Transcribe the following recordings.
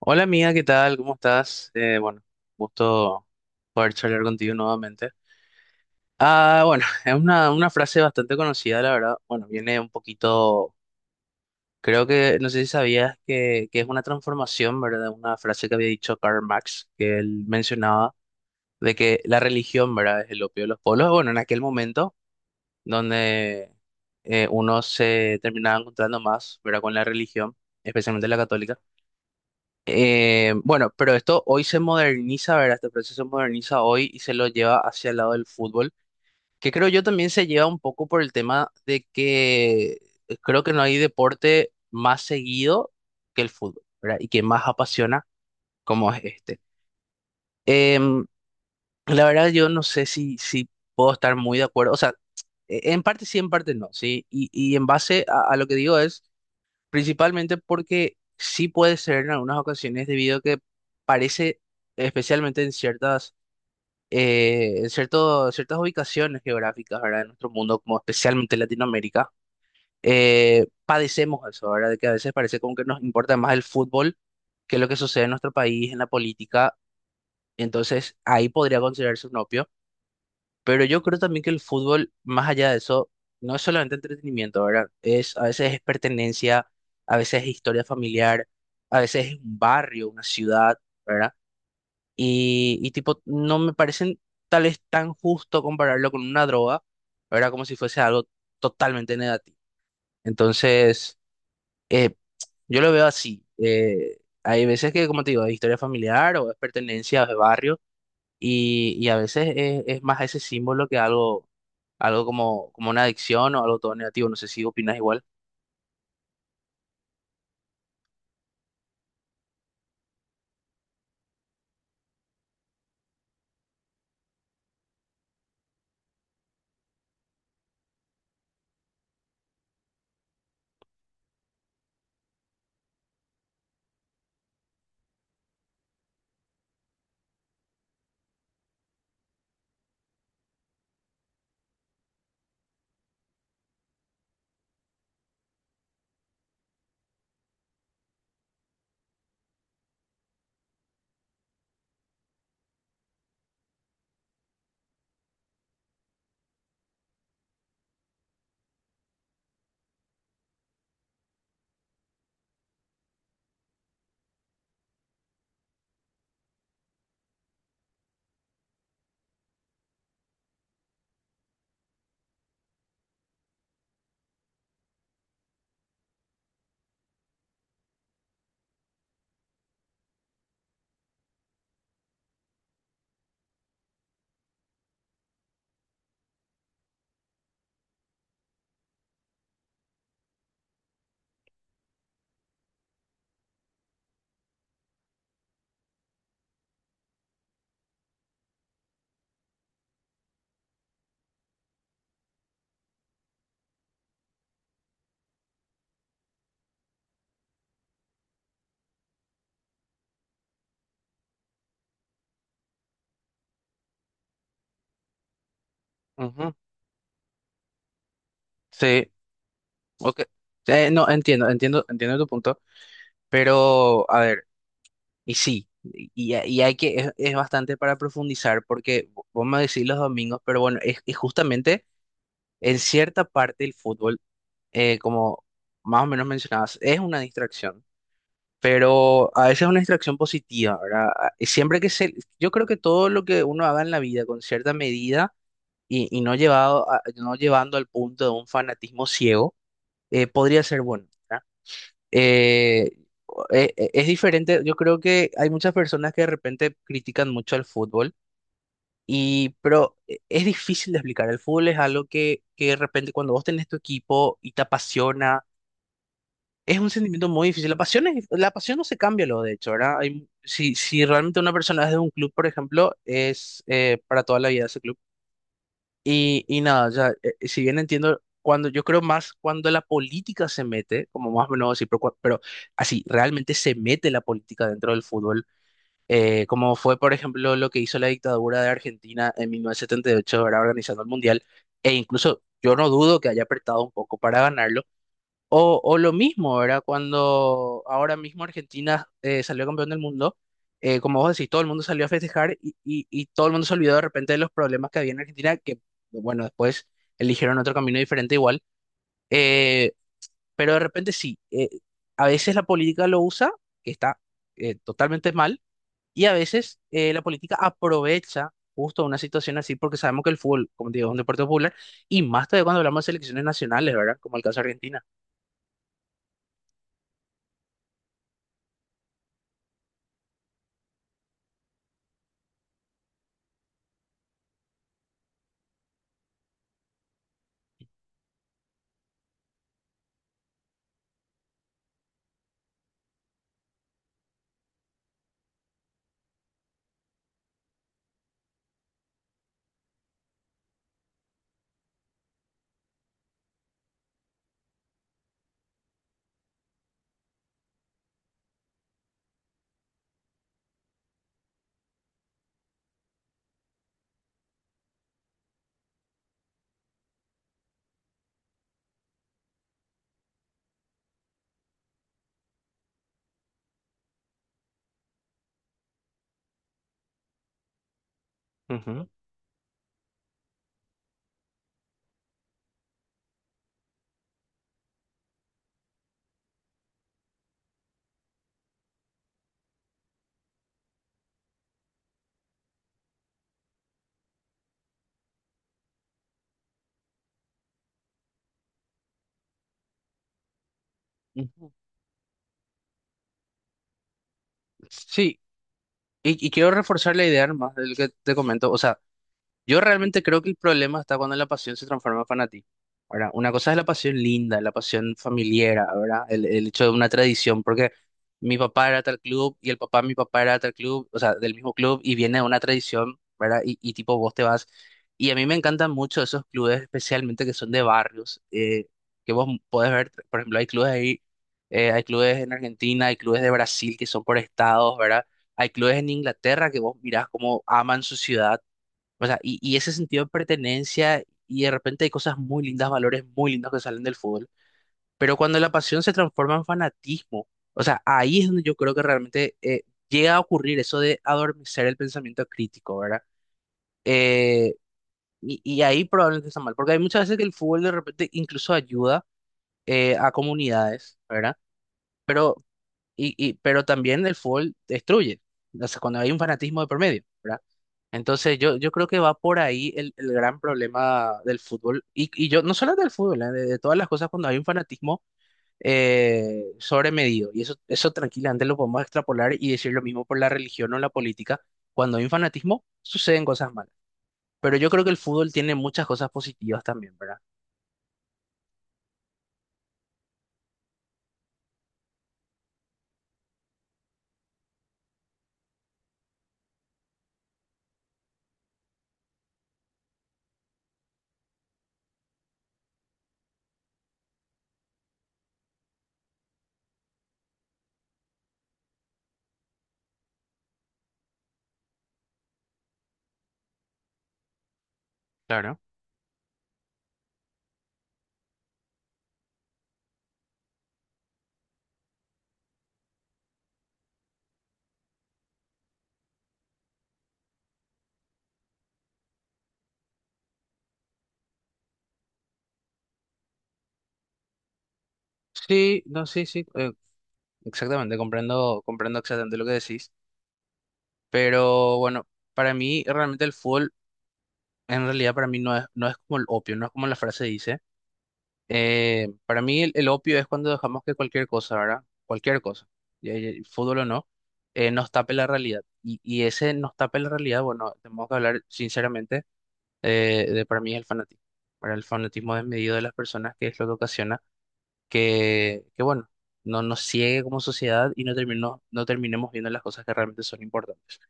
Hola amiga, ¿qué tal? ¿Cómo estás? Bueno, gusto poder charlar contigo nuevamente. Ah, bueno, es una frase bastante conocida, la verdad. Bueno, viene un poquito, creo que, no sé si sabías que es una transformación, ¿verdad? Una frase que había dicho Karl Marx, que él mencionaba de que la religión, ¿verdad? Es el opio de los pueblos. Bueno, en aquel momento donde uno se terminaba encontrando más, ¿verdad? Con la religión, especialmente la católica. Bueno, pero esto hoy se moderniza, ¿verdad? Este proceso se moderniza hoy y se lo lleva hacia el lado del fútbol, que creo yo también se lleva un poco por el tema de que creo que no hay deporte más seguido que el fútbol, ¿verdad? Y que más apasiona como es este. Em, la verdad yo no sé si puedo estar muy de acuerdo, o sea, en parte sí, en parte no, ¿sí? Y en base a lo que digo es... Principalmente porque sí puede ser en algunas ocasiones debido a que parece, especialmente en ciertas, ciertas ubicaciones geográficas, ¿verdad? En nuestro mundo, como especialmente Latinoamérica, padecemos eso, ¿verdad? De que a veces parece como que nos importa más el fútbol que lo que sucede en nuestro país, en la política. Entonces, ahí podría considerarse un opio. Pero yo creo también que el fútbol, más allá de eso, no es solamente entretenimiento, ¿verdad? Es, a veces es pertenencia, a veces es historia familiar, a veces es un barrio, una ciudad, ¿verdad? Y tipo, no me parecen tal vez tan justo compararlo con una droga, ¿verdad? Como si fuese algo totalmente negativo. Entonces, eh, yo lo veo así. Hay veces que, como te digo, es historia familiar o es pertenencia, o es barrio. Y a veces es más ese símbolo que algo, algo como, como una adicción o algo todo negativo. No sé si opinas igual. Ujú. Sí, ok. No, entiendo, entiendo, entiendo tu punto. Pero, a ver, y sí, y hay que, es bastante para profundizar porque vos me decís los domingos, pero bueno, es justamente en cierta parte el fútbol, como más o menos mencionabas, es una distracción. Pero a veces es una distracción positiva, ¿verdad? Siempre que se, yo creo que todo lo que uno haga en la vida con cierta medida y no no llevando al punto de un fanatismo ciego, podría ser bueno, ¿verdad? Eh, es diferente, yo creo que hay muchas personas que de repente critican mucho al fútbol, y, pero es difícil de explicar. El fútbol es algo que de repente cuando vos tenés tu equipo y te apasiona, es un sentimiento muy difícil. La pasión no se cambia, lo de hecho, ¿verdad? Si, si realmente una persona es de un club, por ejemplo, es para toda la vida ese club. Y nada, ya, si bien entiendo, cuando yo creo más cuando la política se mete, como más o menos así, pero, pero así, realmente se mete la política dentro del fútbol, como fue, por ejemplo, lo que hizo la dictadura de Argentina en 1978, ¿verdad? Organizando el Mundial, e incluso yo no dudo que haya apretado un poco para ganarlo o lo mismo, ¿verdad? Cuando ahora mismo Argentina salió campeón del mundo, como vos decís, todo el mundo salió a festejar y todo el mundo se olvidó de repente de los problemas que había en Argentina, que bueno, después eligieron otro camino diferente igual, eh, pero de repente sí, a veces la política lo usa, que está totalmente mal, y a veces la política aprovecha justo una situación así, porque sabemos que el fútbol, como te digo, es un deporte popular, y más todavía cuando hablamos de selecciones nacionales, ¿verdad? Como el caso de Argentina. Ujú. Sí, y quiero reforzar la idea más del que te comento. O sea, yo realmente creo que el problema está cuando la pasión se transforma en fanatismo. Ahora, una cosa es la pasión linda, la pasión familiar, ¿verdad? El hecho de una tradición, porque mi papá era tal club y el papá de mi papá era tal club, o sea, del mismo club y viene de una tradición, ¿verdad? Y tipo vos te vas. Y a mí me encantan mucho esos clubes, especialmente que son de barrios, que vos podés ver, por ejemplo, hay clubes ahí, hay clubes en Argentina, hay clubes de Brasil que son por estados, ¿verdad? Hay clubes en Inglaterra que vos mirás cómo aman su ciudad, o sea, y ese sentido de pertenencia y de repente hay cosas muy lindas, valores muy lindos que salen del fútbol. Pero cuando la pasión se transforma en fanatismo, o sea, ahí es donde yo creo que realmente llega a ocurrir eso de adormecer el pensamiento crítico, ¿verdad? Eh, y, y ahí probablemente está mal, porque hay muchas veces que el fútbol de repente incluso ayuda a comunidades, ¿verdad? Pero, pero también el fútbol destruye, o sea, cuando hay un fanatismo de por medio, ¿verdad? Entonces yo creo que va por ahí el gran problema del fútbol. Y yo, no solo del fútbol, de todas las cosas cuando hay un fanatismo sobremedido. Y eso tranquilamente lo podemos extrapolar y decir lo mismo por la religión o la política. Cuando hay un fanatismo, suceden cosas malas. Pero yo creo que el fútbol tiene muchas cosas positivas también, ¿verdad? Claro. Sí, no, sí, sí, exactamente, comprendo, comprendo exactamente lo que decís. Pero bueno, para mí realmente el fútbol, en realidad para mí no es, no es como el opio, no es como la frase dice. Para mí el opio es cuando dejamos que cualquier cosa, ¿verdad? Cualquier cosa, fútbol o no, nos tape la realidad. Y ese nos tape la realidad, bueno, tenemos que hablar sinceramente de para mí es el fanatismo. Para el fanatismo desmedido de las personas, que es lo que ocasiona que bueno, no nos ciegue como sociedad y no no terminemos viendo las cosas que realmente son importantes.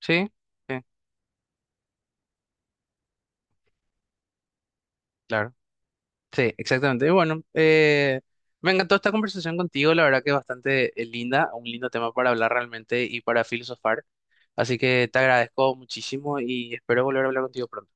Sí, sí, claro. Sí, exactamente. Y bueno, me encantó esta conversación contigo, la verdad que es bastante linda, un lindo tema para hablar realmente y para filosofar. Así que te agradezco muchísimo y espero volver a hablar contigo pronto.